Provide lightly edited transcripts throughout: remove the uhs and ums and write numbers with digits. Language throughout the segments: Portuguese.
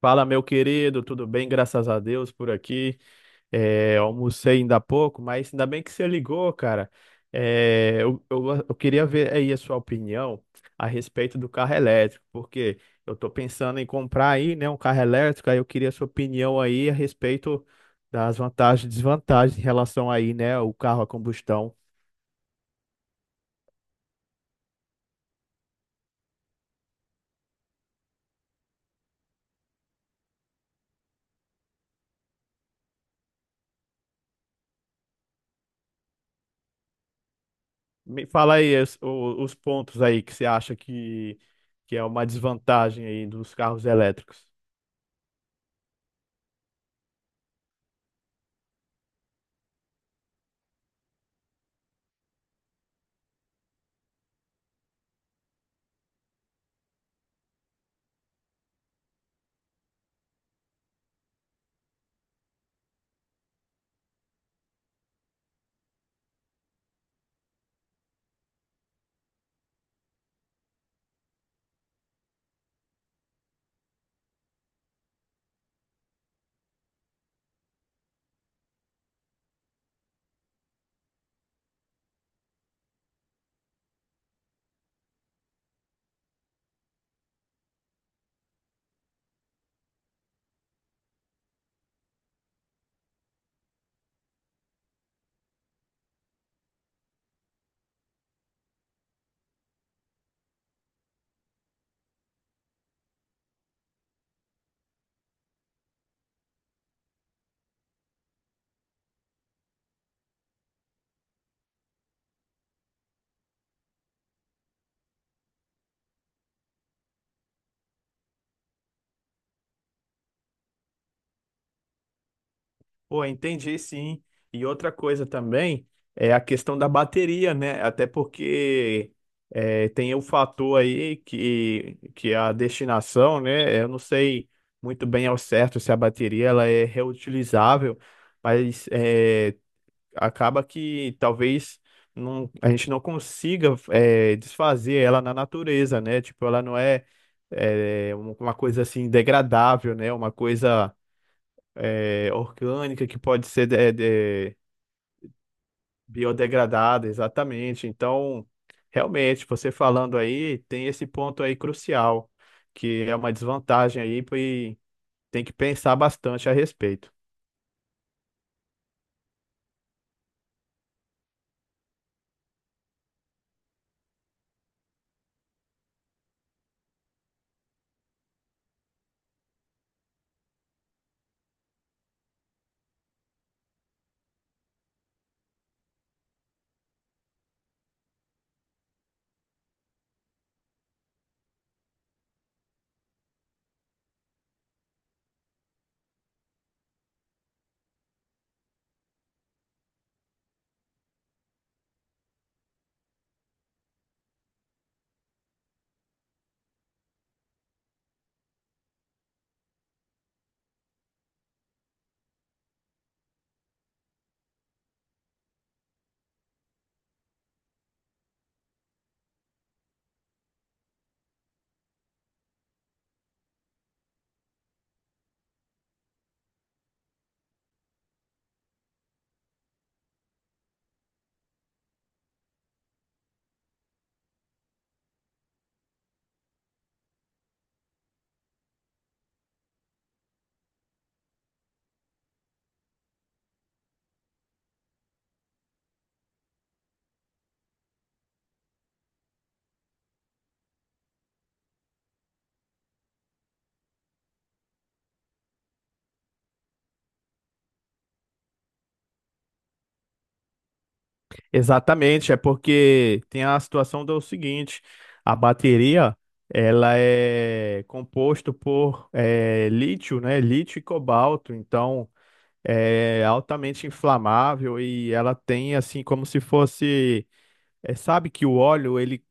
Fala, meu querido, tudo bem? Graças a Deus por aqui. Almocei ainda há pouco, mas ainda bem que você ligou, cara. Eu queria ver aí a sua opinião a respeito do carro elétrico, porque eu tô pensando em comprar aí, né, um carro elétrico, aí eu queria a sua opinião aí a respeito das vantagens e desvantagens em relação aí, né, o carro a combustão. Me fala aí os pontos aí que você acha que é uma desvantagem aí dos carros elétricos. Pô, entendi sim. E outra coisa também é a questão da bateria, né? Até porque tem o fator aí que a destinação, né? Eu não sei muito bem ao certo se a bateria ela é reutilizável, mas acaba que talvez não, a gente não consiga desfazer ela na natureza, né? Tipo, ela não é uma coisa assim degradável, né? Uma coisa orgânica que pode ser de- biodegradada, exatamente. Então, realmente, você falando aí, tem esse ponto aí crucial, que é uma desvantagem aí, e tem que pensar bastante a respeito. Exatamente, é porque tem a situação do seguinte, a bateria, ela é composto por lítio, né? Lítio e cobalto, então é altamente inflamável e ela tem assim como se fosse. É, sabe que o óleo ele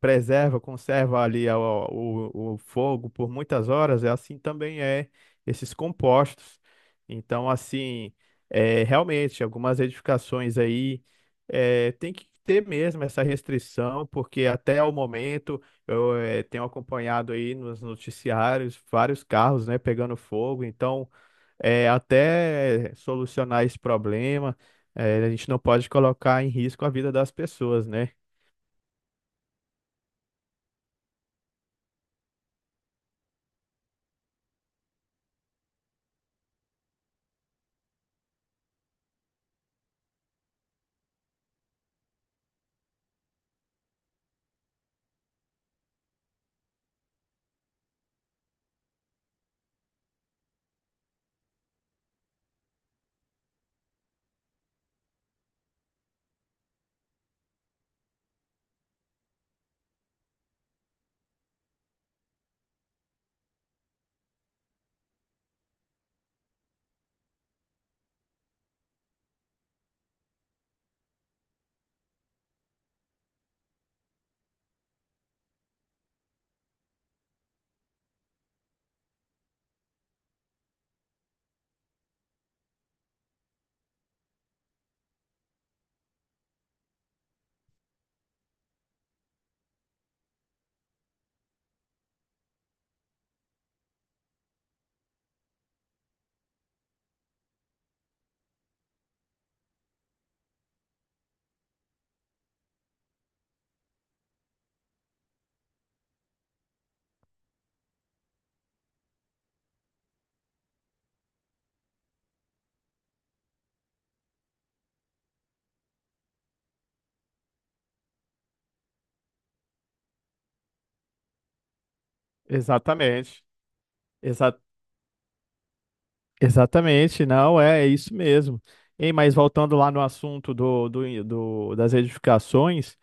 preserva, conserva ali o fogo por muitas horas, é assim também esses compostos. Então, assim, realmente, algumas edificações aí tem que ter mesmo essa restrição, porque até o momento eu tenho acompanhado aí nos noticiários vários carros, né, pegando fogo, então até solucionar esse problema, a gente não pode colocar em risco a vida das pessoas, né? Exatamente. Exa Exatamente, não, é, é isso mesmo. Ei, mas voltando lá no assunto das edificações,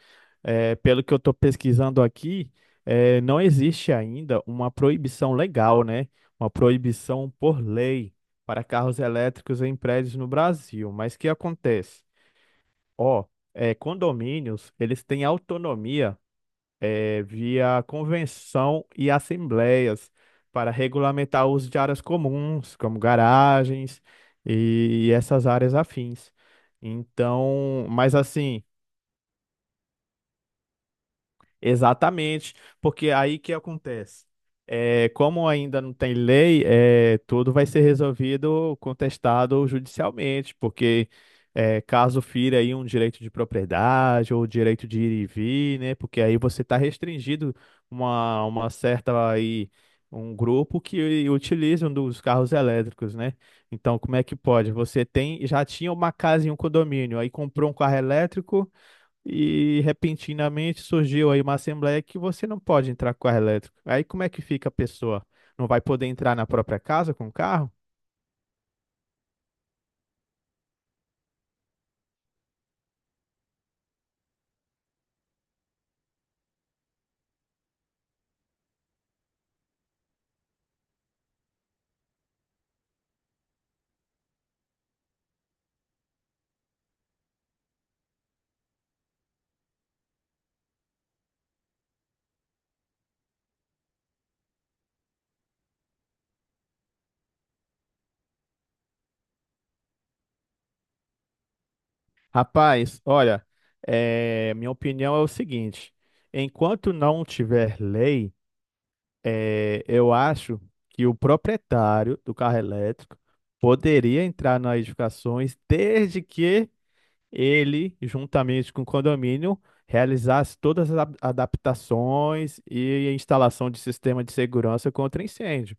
pelo que eu estou pesquisando aqui, não existe ainda uma proibição legal, né? Uma proibição por lei para carros elétricos em prédios no Brasil. Mas o que acontece? Ó, condomínios, eles têm autonomia, via convenção e assembleias, para regulamentar o uso de áreas comuns, como garagens e essas áreas afins. Então, mas assim. Exatamente, porque aí que acontece? É, como ainda não tem lei, é, tudo vai ser resolvido, contestado judicialmente, porque caso fira aí um direito de propriedade ou direito de ir e vir, né? Porque aí você está restringido uma certa aí um grupo que utilizam dos carros elétricos, né? Então, como é que pode? Você tem já tinha uma casa em um condomínio, aí comprou um carro elétrico e repentinamente surgiu aí uma assembleia que você não pode entrar com carro elétrico. Aí como é que fica a pessoa? Não vai poder entrar na própria casa com carro? Rapaz, olha, minha opinião é o seguinte: enquanto não tiver lei, eu acho que o proprietário do carro elétrico poderia entrar nas edificações desde que ele, juntamente com o condomínio, realizasse todas as adaptações e a instalação de sistema de segurança contra incêndio.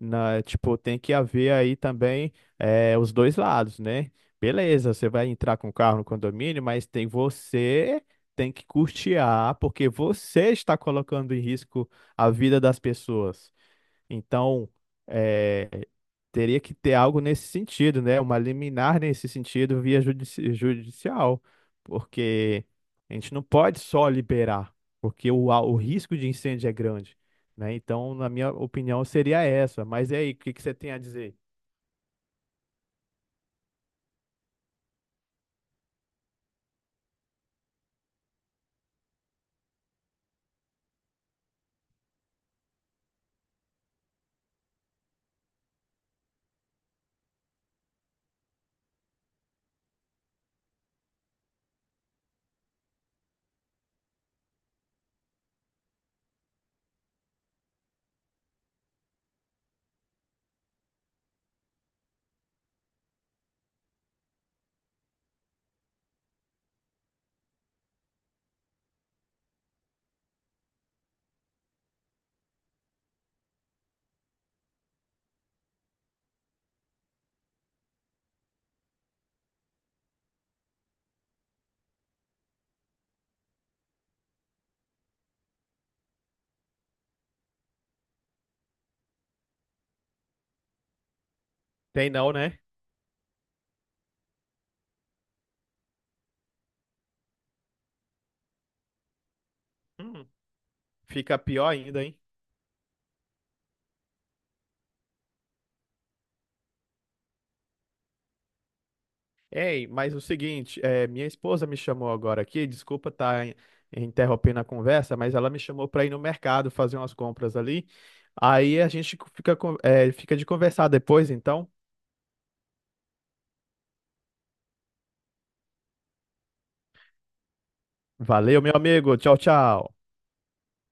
Na, tipo, tem que haver aí também, os dois lados, né? Beleza, você vai entrar com o carro no condomínio, mas tem você, tem que custear, porque você está colocando em risco a vida das pessoas. Então, é, teria que ter algo nesse sentido, né? Uma liminar nesse sentido via judicial, porque a gente não pode só liberar, porque o risco de incêndio é grande, né? Então, na minha opinião, seria essa. Mas e aí, o que que você tem a dizer? Tem não, né? Hum, fica pior ainda, hein? Ei, mas o seguinte, minha esposa me chamou agora aqui, desculpa estar interrompendo a conversa, mas ela me chamou para ir no mercado fazer umas compras ali. Aí a gente fica, fica de conversar depois, então. Valeu, meu amigo. Tchau, tchau.